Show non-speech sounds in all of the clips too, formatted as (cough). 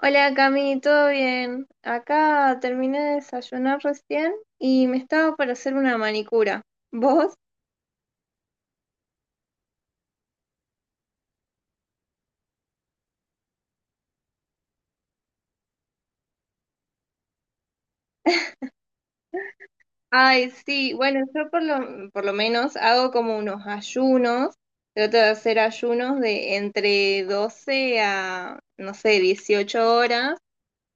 Hola Cami, ¿todo bien? Acá terminé de desayunar recién y me estaba para hacer una manicura. ¿Vos? Ay, sí, bueno, yo por lo menos hago como unos ayunos, trato de hacer ayunos de entre 12 a, no sé, 18 horas.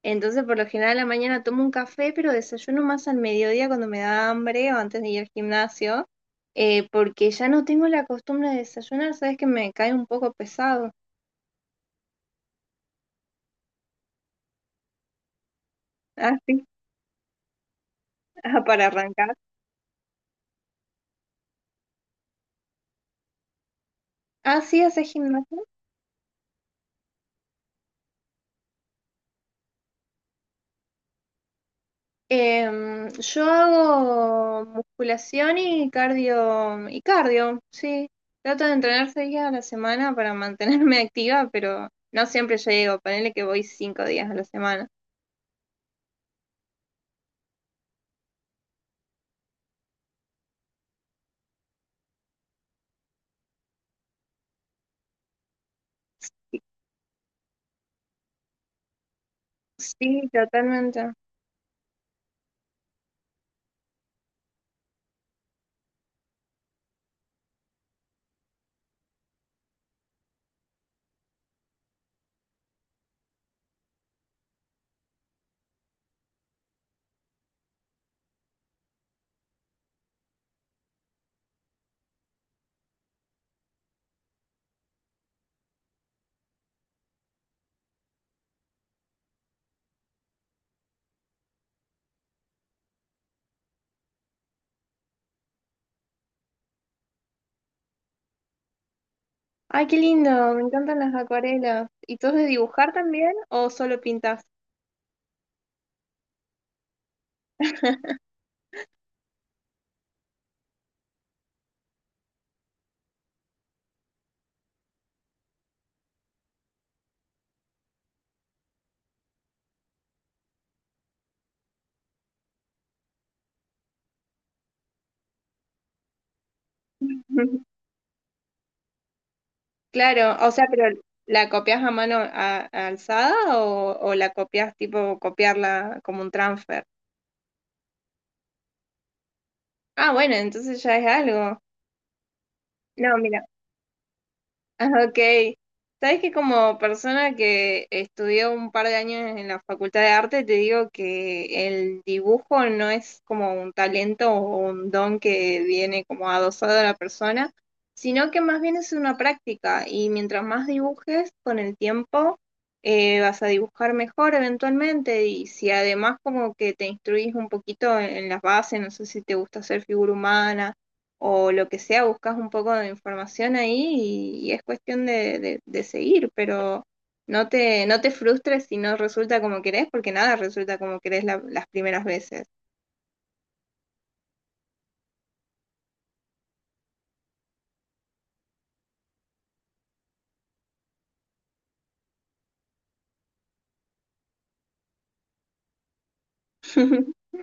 Entonces, por lo general, a la mañana tomo un café, pero desayuno más al mediodía cuando me da hambre o antes de ir al gimnasio, porque ya no tengo la costumbre de desayunar, sabes que me cae un poco pesado. (laughs) Así (laughs) Ajá, para arrancar. Ah, sí, haces gimnasia. Yo hago musculación y cardio, sí. Trato de entrenar 6 días a la semana para mantenerme (laughs) activa, pero no siempre llego. Ponele que voy 5 días a la semana. Sí, totalmente. Ay, qué lindo, me encantan las acuarelas. ¿Y tú has de dibujar también o solo pintas? (laughs) Claro, o sea, pero ¿la copias a mano alzada o la copias tipo copiarla como un transfer? Ah, bueno, entonces ya es algo. No, mira. (laughs) Ah, ok. Sabes que como persona que estudió un par de años en la Facultad de Arte, te digo que el dibujo no es como un talento o un don que viene como adosado a la persona, sino que más bien es una práctica y mientras más dibujes con el tiempo, vas a dibujar mejor eventualmente y si además como que te instruís un poquito en las bases, no sé si te gusta hacer figura humana o lo que sea, buscas un poco de información ahí y es cuestión de seguir, pero no te frustres si no resulta como querés, porque nada resulta como querés las primeras veces. (laughs)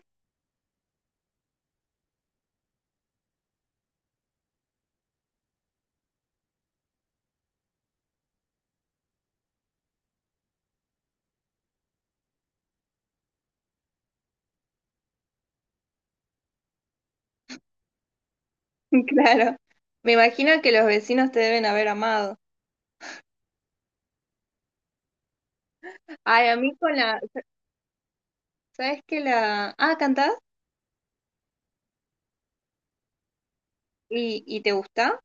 Claro. Me imagino que los vecinos te deben haber amado. Ay, a mí con la, ¿Sabes qué la? Ah, ¿cantás? Y te gusta?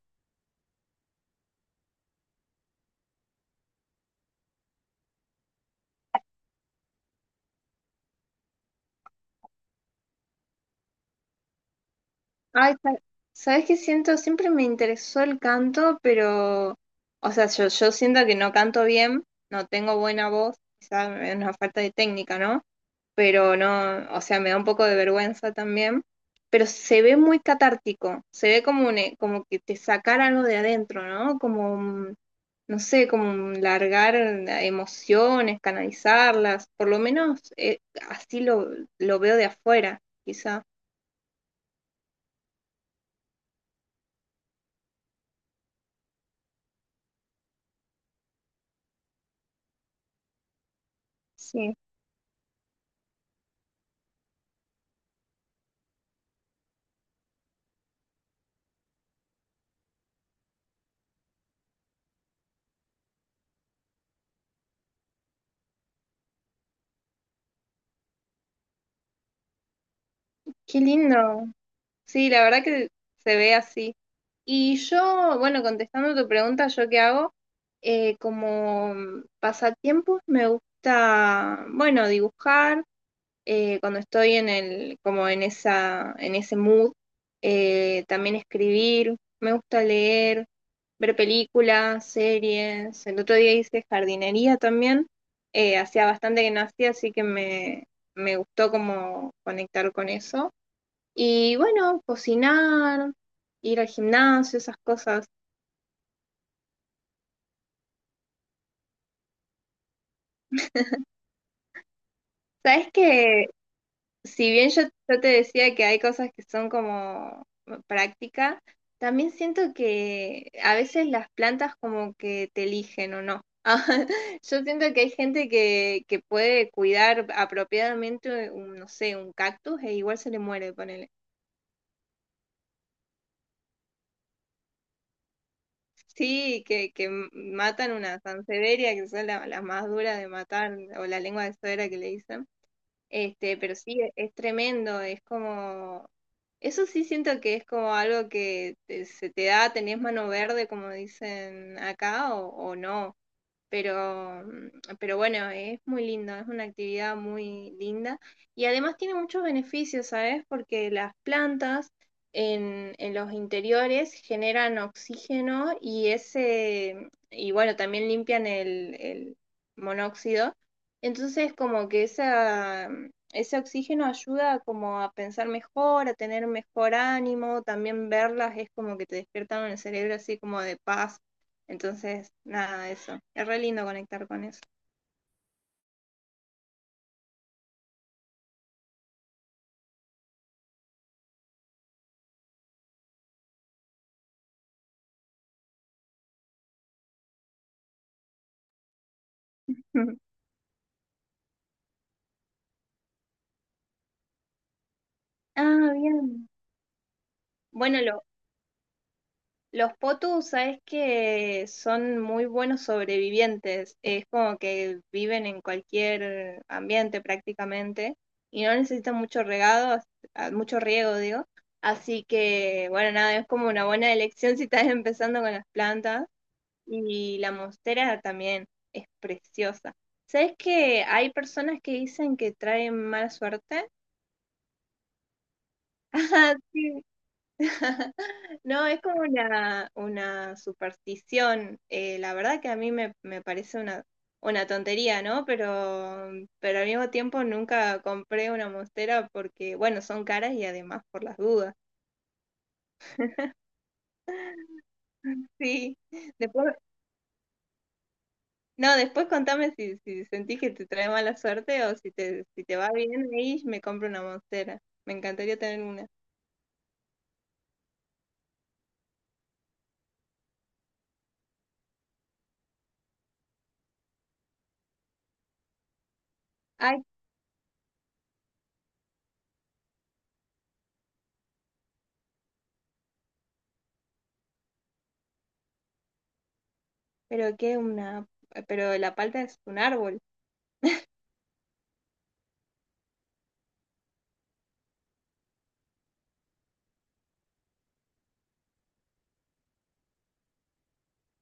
Ay, sa- ¿Sabes qué siento? Siempre me interesó el canto, pero, o sea, yo siento que no canto bien, no tengo buena voz, quizás es una falta de técnica, ¿no? Pero no, o sea, me da un poco de vergüenza también, pero se ve muy catártico, se ve como, como que te sacar algo de adentro, ¿no? No sé, como un largar emociones, canalizarlas, por lo menos así lo veo de afuera, quizá. Sí, qué lindo. Sí, la verdad que se ve así. Y yo, bueno, contestando tu pregunta, ¿yo qué hago? Como pasatiempos me gusta, bueno, dibujar, cuando estoy en el, como en esa, en ese mood, también escribir, me gusta leer, ver películas, series. El otro día hice jardinería también, hacía bastante que no hacía, así que me gustó como conectar con eso. Y bueno, cocinar, ir al gimnasio, esas cosas. Sabes que si bien yo te decía que hay cosas que son como práctica, también siento que a veces las plantas como que te eligen o no. (laughs) Yo siento que hay gente que puede cuidar apropiadamente un, no sé, un cactus e igual se le muere, ponele. Sí, que matan una sansevieria, que son las más duras de matar, o la lengua de suegra que le dicen. Este, pero sí, es tremendo, es como, eso sí siento que es como algo se te da, tenés mano verde, como dicen acá, o no. Pero, pero bueno, es muy lindo, es una actividad muy linda y además tiene muchos beneficios, ¿sabes? Porque las plantas en los interiores generan oxígeno y bueno, también limpian el monóxido. Entonces, como que ese oxígeno ayuda como a pensar mejor, a tener mejor ánimo, también verlas es como que te despiertan el cerebro así como de paz entonces, nada, eso. Es re lindo conectar con eso. (laughs) Ah, bien. Bueno, los potus, sabes que son muy buenos sobrevivientes. Es como que viven en cualquier ambiente prácticamente y no necesitan mucho regado, mucho riego, digo. Así que, bueno, nada, es como una buena elección si estás (laughs) empezando con las plantas. Y la monstera también es preciosa. ¿Sabes que hay personas que dicen que traen mala suerte? Ajá, sí. (laughs) No, es como una superstición. La verdad que a me parece una tontería, ¿no? Pero al mismo tiempo nunca compré una monstera porque, bueno, son caras y además por las dudas. Sí. Después, no, después contame si sentís que te trae mala suerte o si si te va bien ahí, me compro una monstera. Me encantaría tener una. Ay, pero qué una, pero la palta es un árbol.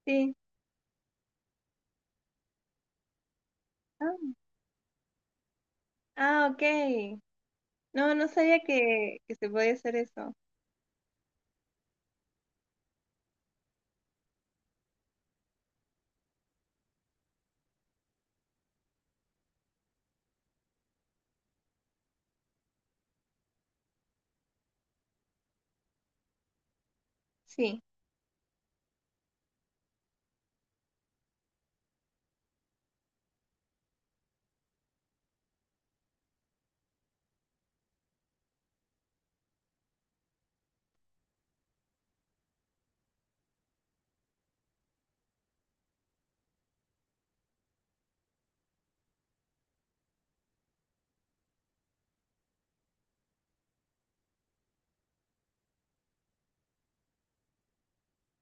Sí. Ah, ah, ok. No, no sabía que se podía hacer eso. Sí.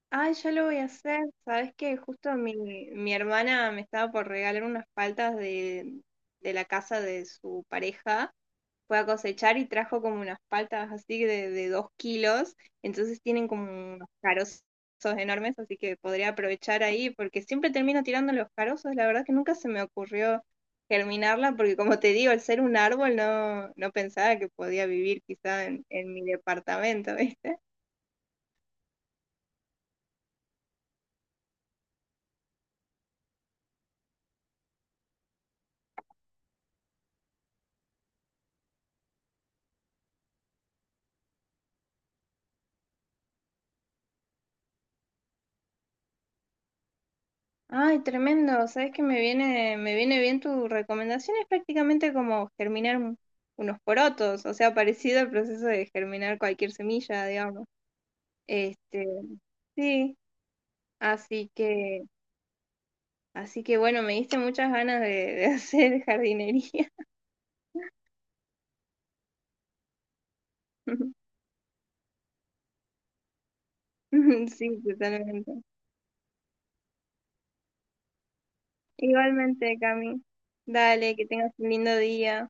Ay, yo lo voy a hacer. Sabes que justo mi hermana me estaba por regalar unas paltas de la casa de su pareja. Fue a cosechar y trajo como unas paltas así de 2 kilos, entonces tienen como unos carozos enormes, así que podría aprovechar ahí, porque siempre termino tirando los carozos, la verdad que nunca se me ocurrió germinarla, porque como te digo, al ser un árbol no, no pensaba que podía vivir quizá en mi departamento, ¿viste? Ay, tremendo, sabes que me viene bien tu recomendación, es prácticamente como germinar unos porotos, o sea, parecido al proceso de germinar cualquier semilla, digamos. Este, sí, así que, así que bueno, me diste muchas ganas de, (laughs) de hacer jardinería. (laughs) Sí, totalmente. Igualmente, Cami. Dale, que tengas un lindo día.